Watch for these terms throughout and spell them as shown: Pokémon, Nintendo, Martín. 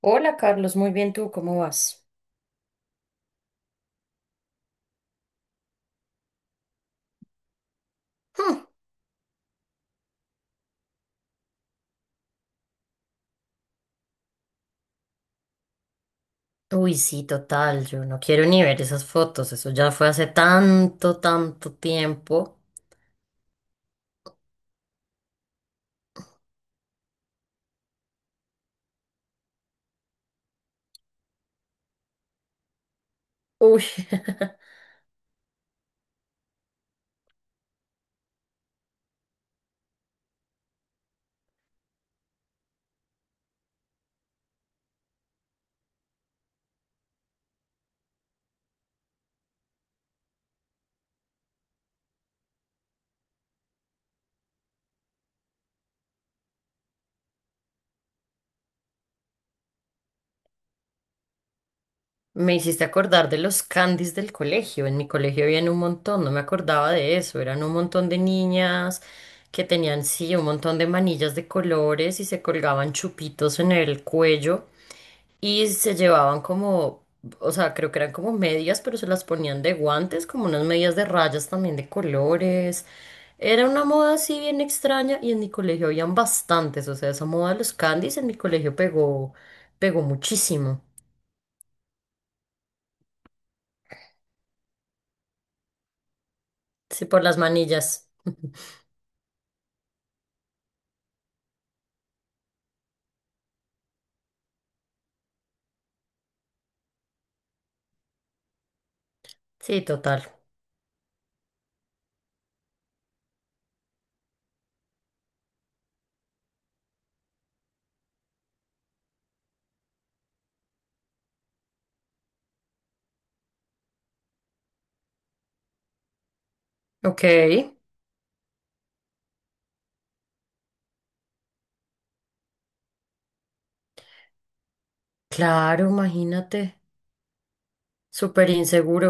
Hola Carlos, muy bien tú, ¿cómo vas? Hmm. Uy, sí, total, yo no quiero ni ver esas fotos, eso ya fue hace tanto, tanto tiempo. Uy, me hiciste acordar de los candies del colegio. En mi colegio habían un montón, no me acordaba de eso, eran un montón de niñas que tenían, sí, un montón de manillas de colores y se colgaban chupitos en el cuello. Y se llevaban como, o sea, creo que eran como medias, pero se las ponían de guantes, como unas medias de rayas también de colores. Era una moda así bien extraña y en mi colegio habían bastantes, o sea, esa moda de los candies en mi colegio pegó, pegó muchísimo. Sí, por las manillas. Sí, total. Ok. Claro, imagínate. Súper inseguro.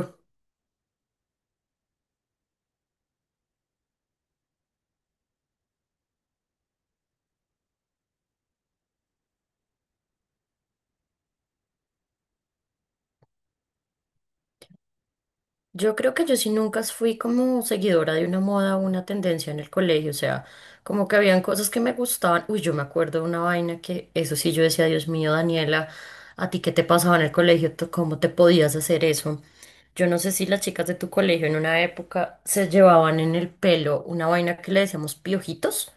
Yo creo que yo sí nunca fui como seguidora de una moda o una tendencia en el colegio, o sea, como que habían cosas que me gustaban. Uy, yo me acuerdo de una vaina que eso sí yo decía, Dios mío, Daniela, ¿a ti qué te pasaba en el colegio? ¿Tú ¿Cómo te podías hacer eso? Yo no sé si las chicas de tu colegio en una época se llevaban en el pelo una vaina que le decíamos piojitos,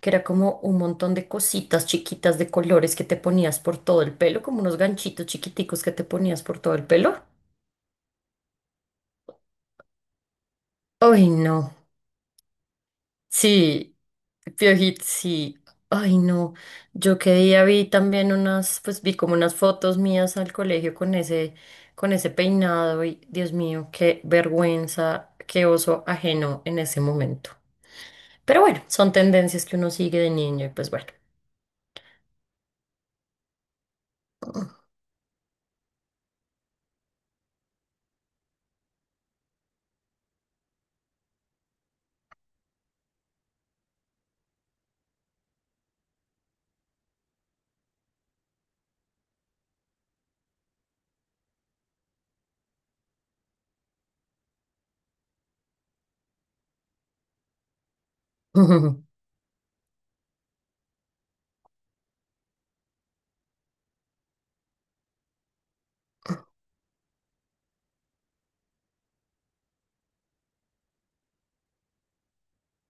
que era como un montón de cositas chiquitas de colores que te ponías por todo el pelo, como unos ganchitos chiquiticos que te ponías por todo el pelo. Uy, no. Sí, sí. Ay, no. Yo qué día vi también unas, pues vi como unas fotos mías al colegio con ese peinado y Dios mío, qué vergüenza, qué oso ajeno en ese momento. Pero bueno, son tendencias que uno sigue de niño y pues bueno.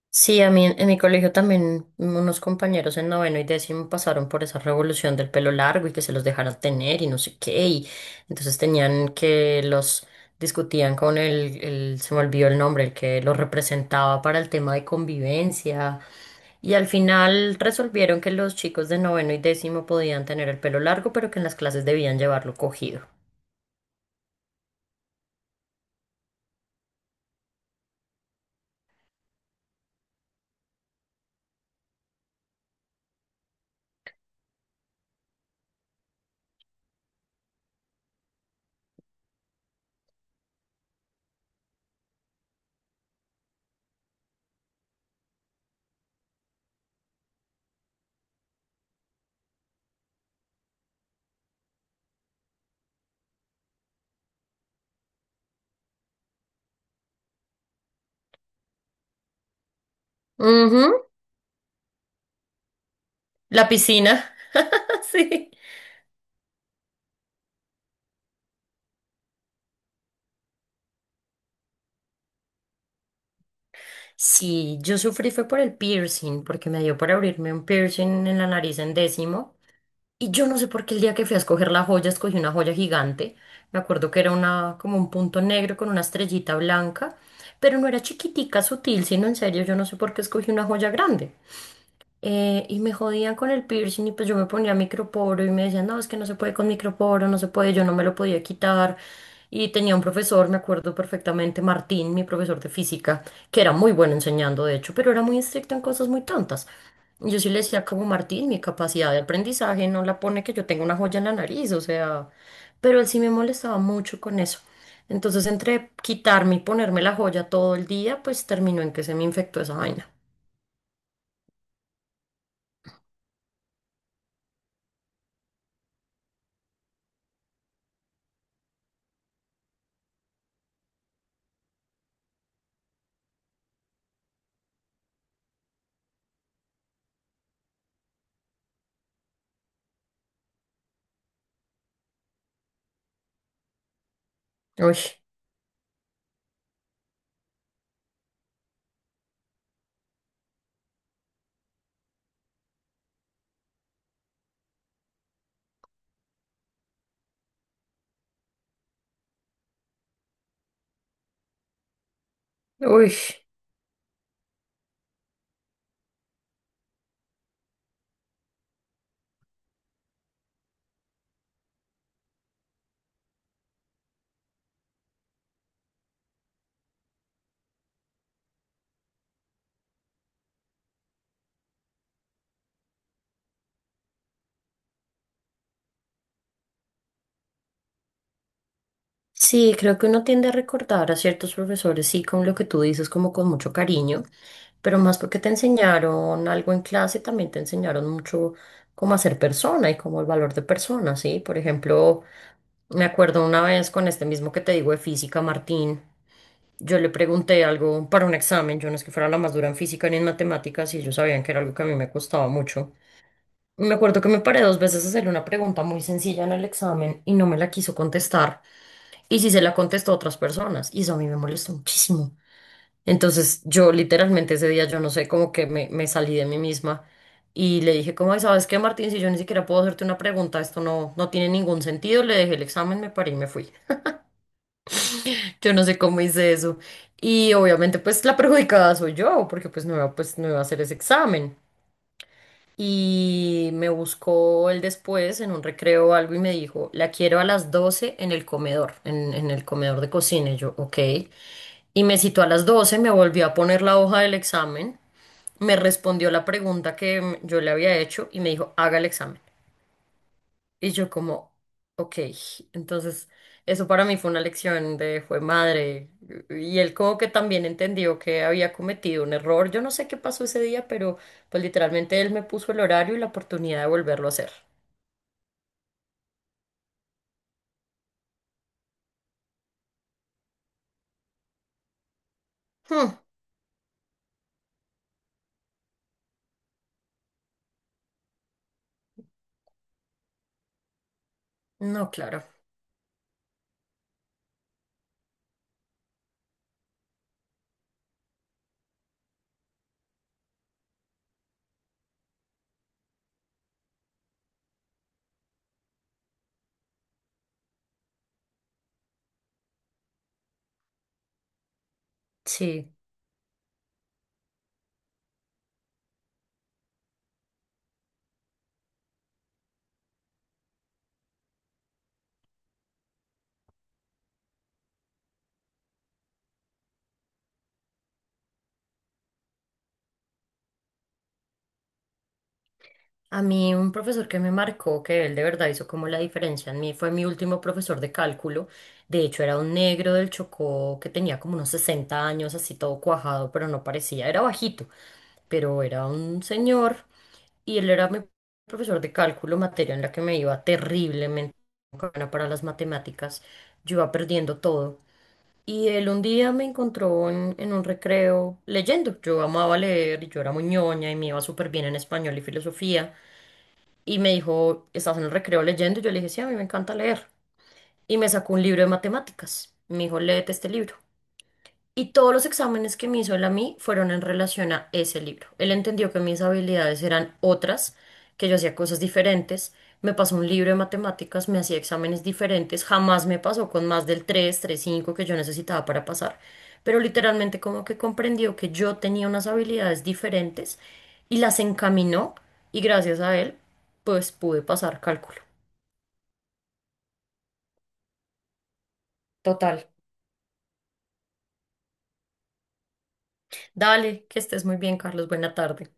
Sí, a mí en mi colegio también unos compañeros en noveno y décimo pasaron por esa revolución del pelo largo y que se los dejaran tener y no sé qué. Y entonces tenían que los discutían con se me olvidó el nombre, el que los representaba para el tema de convivencia. Y al final resolvieron que los chicos de noveno y décimo podían tener el pelo largo, pero que en las clases debían llevarlo cogido. Ujú. La piscina. Sí. Sí, yo sufrí fue por el piercing, porque me dio por abrirme un piercing en la nariz en décimo. Y yo no sé por qué el día que fui a escoger la joya, escogí una joya gigante. Me acuerdo que era una, como un punto negro con una estrellita blanca, pero no era chiquitica, sutil, sino en serio, yo no sé por qué escogí una joya grande, y me jodían con el piercing y pues yo me ponía microporo y me decían, no, es que no se puede con microporo, no se puede, yo no me lo podía quitar. Y tenía un profesor, me acuerdo perfectamente, Martín, mi profesor de física, que era muy bueno enseñando, de hecho, pero era muy estricto en cosas muy tontas. Y yo sí le decía como, Martín, mi capacidad de aprendizaje no la pone que yo tenga una joya en la nariz, o sea, pero él sí me molestaba mucho con eso. Entonces, entre quitarme y ponerme la joya todo el día, pues terminó en que se me infectó esa vaina. Uy, uy. Sí, creo que uno tiende a recordar a ciertos profesores, sí, con lo que tú dices, como con mucho cariño, pero más porque te enseñaron algo en clase, también te enseñaron mucho cómo hacer persona y como el valor de persona, ¿sí? Por ejemplo, me acuerdo una vez con este mismo que te digo de física, Martín, yo le pregunté algo para un examen. Yo no es que fuera la más dura en física ni en matemáticas y ellos sabían que era algo que a mí me costaba mucho. Me acuerdo que me paré 2 veces a hacerle una pregunta muy sencilla en el examen y no me la quiso contestar. Y sí se la contestó a otras personas. Y eso a mí me molestó muchísimo. Entonces yo literalmente ese día, yo no sé, como que me salí de mí misma y le dije, como, "Ay, ¿sabes qué, Martín? Si yo ni siquiera puedo hacerte una pregunta, esto no, no tiene ningún sentido". Le dejé el examen, me paré y me fui. Yo no sé cómo hice eso. Y obviamente pues la perjudicada soy yo, porque pues, no iba a hacer ese examen. Y me buscó él después en un recreo o algo y me dijo, la quiero a las 12 en el comedor, en el comedor de cocina. Y yo, ok. Y me citó a las 12, me volvió a poner la hoja del examen, me respondió la pregunta que yo le había hecho y me dijo, haga el examen. Y yo como, ok, entonces eso para mí fue una lección de fue madre. Y él como que también entendió que había cometido un error. Yo no sé qué pasó ese día, pero pues literalmente él me puso el horario y la oportunidad de volverlo a hacer. Hmm, no, claro. Sí. A mí un profesor que me marcó, que él de verdad hizo como la diferencia en mí, fue mi último profesor de cálculo. De hecho, era un negro del Chocó que tenía como unos 60 años, así todo cuajado, pero no parecía, era bajito, pero era un señor y él era mi profesor de cálculo, materia en la que me iba terriblemente. Buena para las matemáticas, yo iba perdiendo todo. Y él un día me encontró en un recreo leyendo. Yo amaba leer y yo era muy ñoña y me iba súper bien en español y filosofía y me dijo, ¿estás en el recreo leyendo? Yo le dije, sí, a mí me encanta leer. Y me sacó un libro de matemáticas. Me dijo, léete este libro. Y todos los exámenes que me hizo él a mí fueron en relación a ese libro. Él entendió que mis habilidades eran otras, que yo hacía cosas diferentes. Me pasó un libro de matemáticas, me hacía exámenes diferentes. Jamás me pasó con más del 3,35 que yo necesitaba para pasar. Pero literalmente como que comprendió que yo tenía unas habilidades diferentes y las encaminó y gracias a él pues pude pasar cálculo. Total. Dale, que estés muy bien, Carlos. Buena tarde.